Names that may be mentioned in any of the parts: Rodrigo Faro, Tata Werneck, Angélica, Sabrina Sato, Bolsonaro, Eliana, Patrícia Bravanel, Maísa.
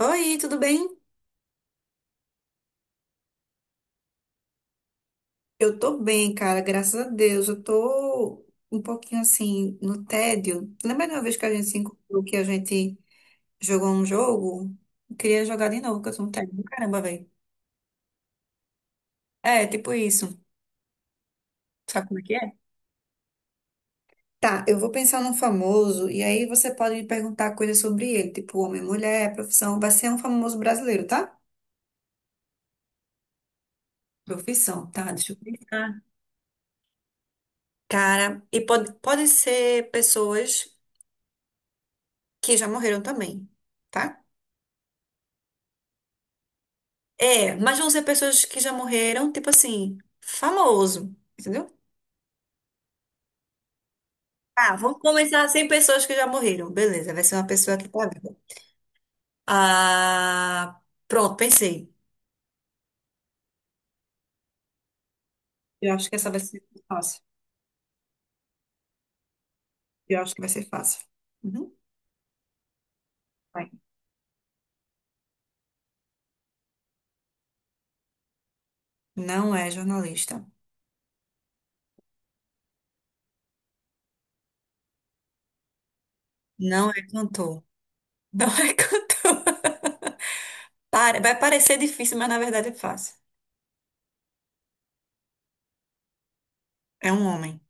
Oi, tudo bem? Eu tô bem, cara, graças a Deus. Eu tô um pouquinho assim no tédio. Lembra de uma vez que a gente se encontrou que a gente jogou um jogo? Eu queria jogar de novo, porque eu tô no tédio do caramba, velho. É, tipo isso. Sabe como é que é? Tá, eu vou pensar num famoso e aí você pode me perguntar coisas sobre ele, tipo homem, mulher, profissão. Vai ser um famoso brasileiro, tá? Profissão, tá? Deixa eu pensar. Cara, e pode ser pessoas que já morreram também, tá? É, mas vão ser pessoas que já morreram, tipo assim, famoso, entendeu? Ah, vamos começar 100 pessoas que já morreram. Beleza, vai ser uma pessoa que tá viva. Ah, pronto, pensei. Eu acho que essa vai ser fácil. Eu acho que vai ser fácil. Uhum, vai. Não é jornalista. Não é cantor. Não é cantor. Pare- Vai parecer difícil, mas na verdade é fácil. É um homem.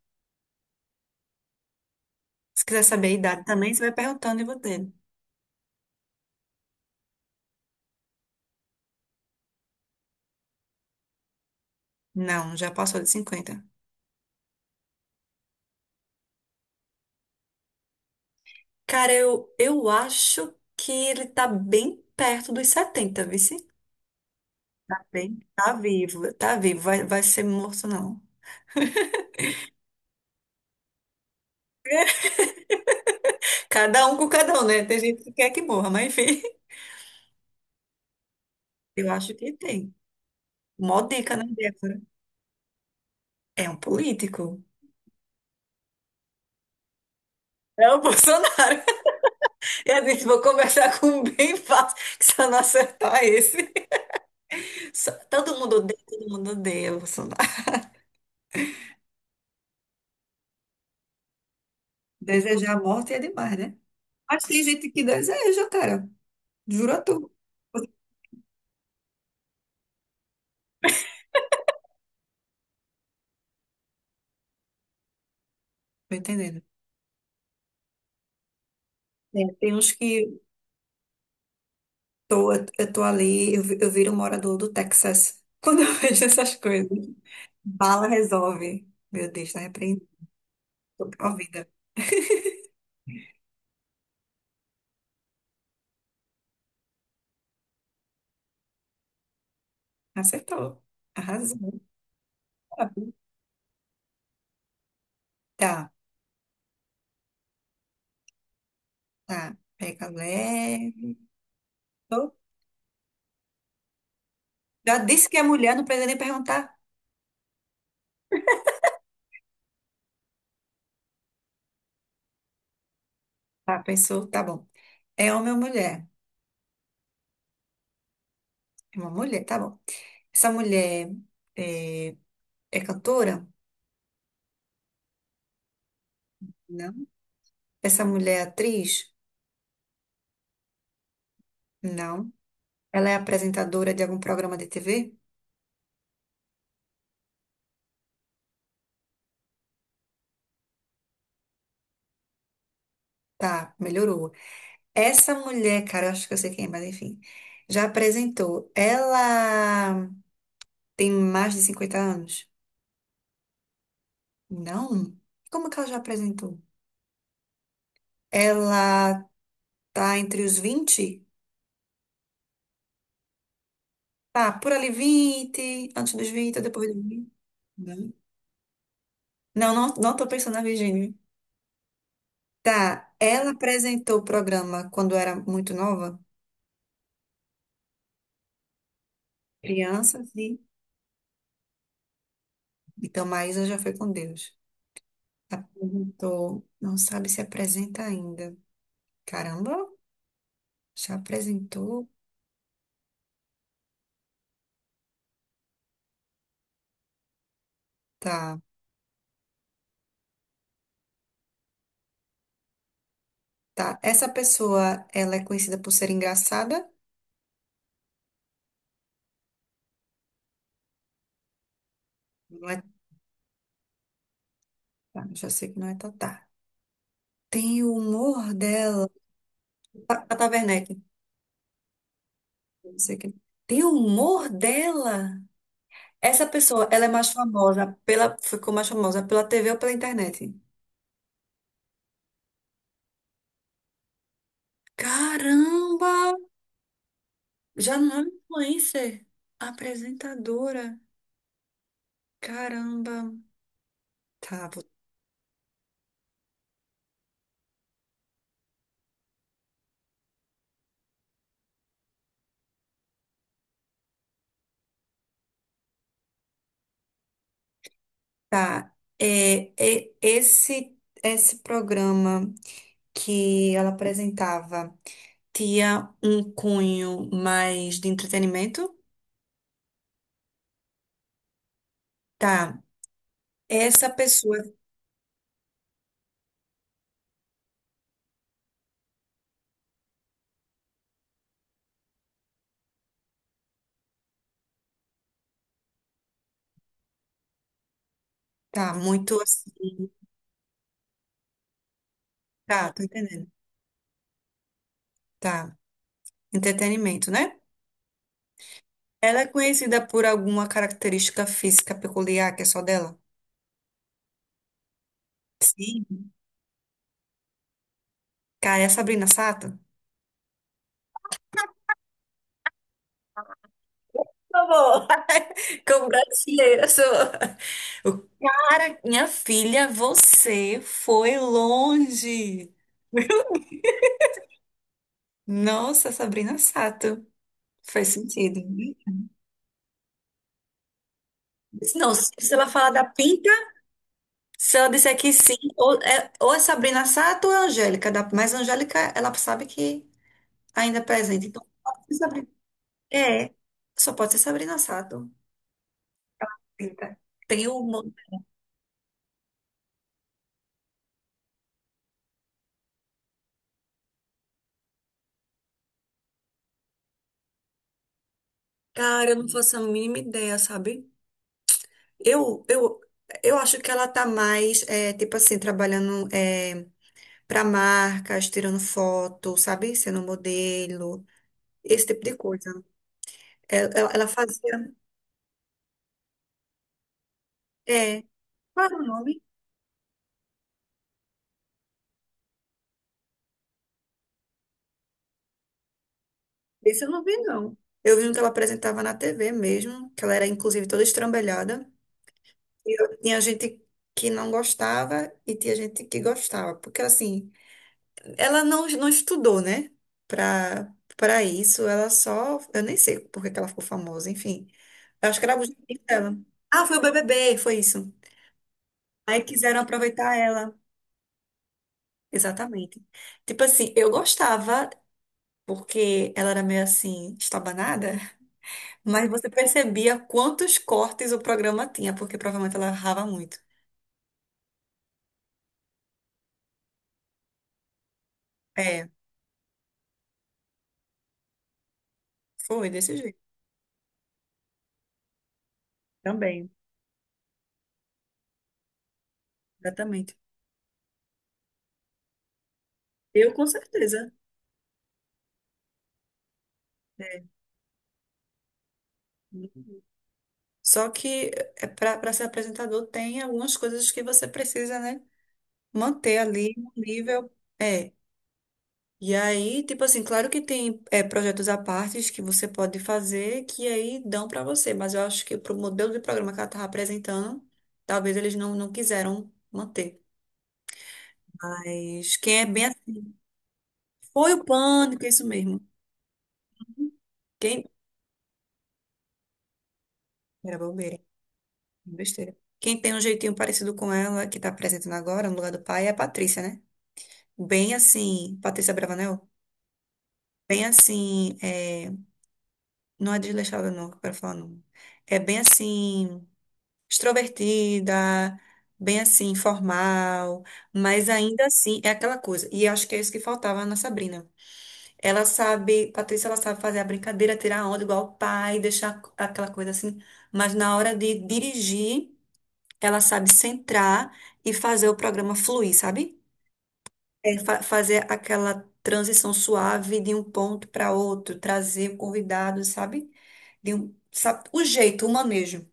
Se quiser saber a idade também, você vai perguntando e vou dele. Não, já passou de 50. Cara, eu acho que ele tá bem perto dos 70, viu? Sim? Tá bem. Tá vivo, tá vivo. Vai, vai ser morto, não. Cada um com cada um, né? Tem gente que quer que morra, mas enfim. Eu acho que tem. Mó dica, né, Débora? É um político. É o Bolsonaro. E a gente vou conversar com um bem fácil, que se eu não acertar esse. Todo mundo odeia o Bolsonaro. Desejar a morte é demais, né? Mas tem gente que deseja, cara. Juro a tu. Tô entendendo. Né? Tem uns que eu tô ali, eu viro morador do Texas quando eu vejo essas coisas. Bala resolve. Meu Deus, tá repreendido. Tô provida. Acertou. Arrasou. Tá, tá. Pega leve. Tô- Já disse que é mulher, não precisa nem perguntar. Tá, pensou, tá bom. É homem ou mulher? É uma mulher, tá bom. Essa mulher é, é cantora? Não. Essa mulher é atriz? Não. Ela é apresentadora de algum programa de TV? Tá, melhorou. Essa mulher, cara, eu acho que eu sei quem é, mas enfim, já apresentou. Ela tem mais de 50 anos? Não? Como que ela já apresentou? Ela tá entre os 20. Tá, por ali 20, antes dos 20 ou depois dos 20. Não, não, não, não tô pensando na Virgínia. Tá, ela apresentou o programa quando era muito nova? Criança, sim. Então, Maísa já foi com Deus. Apresentou, não sabe se apresenta ainda. Caramba! Já apresentou? Tá, tá. Essa pessoa, ela é conhecida por ser engraçada? Não é, tá, já sei que não é Tatá. Tem o humor dela. Tata Werneck. Não sei quem. Tem o humor dela? Essa pessoa, ela é mais famosa ficou mais famosa pela TV ou pela internet? Caramba! Já não é influencer. Apresentadora. Caramba. Tá, tá. É, esse programa que ela apresentava tinha um cunho mais de entretenimento? Tá. Essa pessoa tá muito assim. Tá, tô entendendo. Tá. Entretenimento, né? Ela é conhecida por alguma característica física peculiar que é só dela? Sim. Cara, é a Sabrina Sato? Por favor. Como brasileira, sou. Para minha filha, você foi longe. Nossa, Sabrina Sato. Faz sentido, né? Não, se ela falar da pinta, se ela disser que sim, ou é Sabrina Sato ou é Angélica. Da, mas Angélica, ela sabe que ainda é presente. Então, pode ser Sabrina. É, só pode ser Sabrina Sato. Pinta. Tem uma. Cara, eu não faço a mínima ideia, sabe? Eu, eu, eu acho que ela tá mais, é, tipo assim, trabalhando. É, para marcas, tirando foto, sabe? Sendo modelo, esse tipo de coisa. Ela fazia. É. Qual é o nome? Esse eu não vi, não. Eu vi um que ela apresentava na TV mesmo, que ela era inclusive toda estrambelhada. E tinha gente que não gostava e tinha gente que gostava, porque assim, ela não, não estudou, né? Pra isso, ela só. Eu nem sei por que que ela ficou famosa, enfim. Eu acho que era o objetivo dela. Ah, foi o BBB, foi isso. Aí quiseram aproveitar ela. Exatamente. Tipo assim, eu gostava, porque ela era meio assim, estabanada, mas você percebia quantos cortes o programa tinha, porque provavelmente ela errava muito. É, foi desse jeito. Também. Exatamente. Eu com certeza. É. Só que para ser apresentador tem algumas coisas que você precisa, né, manter ali no nível. É, e aí, tipo assim, claro que tem é, projetos à parte que você pode fazer que aí dão para você, mas eu acho que pro modelo de programa que ela estava apresentando, talvez eles não, não quiseram manter. Mas quem é bem. Assim, foi o pânico, é isso mesmo. Quem. Era bobeira, besteira. Quem tem um jeitinho parecido com ela, que tá apresentando agora, no lugar do pai, é a Patrícia, né? Bem assim. Patrícia Bravanel? Bem assim. É, não é desleixada, não, que eu quero falar, não. É bem assim. Extrovertida, bem assim, formal, mas ainda assim é aquela coisa. E acho que é isso que faltava na Sabrina. Ela sabe, Patrícia, ela sabe fazer a brincadeira, tirar a onda igual o pai, deixar aquela coisa assim, mas na hora de dirigir, ela sabe centrar e fazer o programa fluir, sabe? É fazer aquela transição suave de um ponto para outro, trazer o convidado, sabe? De um, sabe? O jeito, o manejo.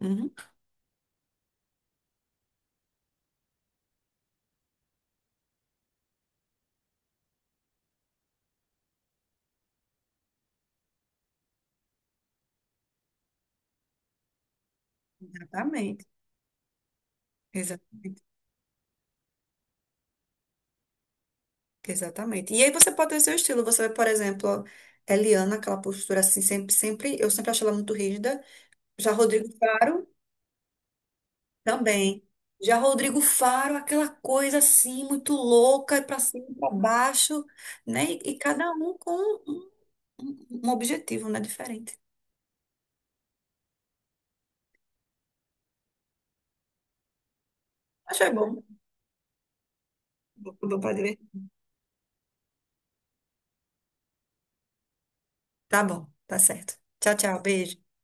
Uhum. Exatamente. Exatamente. Exatamente. E aí você pode ter o seu estilo. Você, por exemplo, Eliana, aquela postura assim, eu sempre achei ela muito rígida. Já Rodrigo Faro, também. Já Rodrigo Faro, aquela coisa assim, muito louca, e pra cima e pra baixo, né? E cada um com um, um objetivo, né? Diferente. Achei bom. Bom pra divertir. Tá bom, tá certo. Tchau, tchau. Beijo.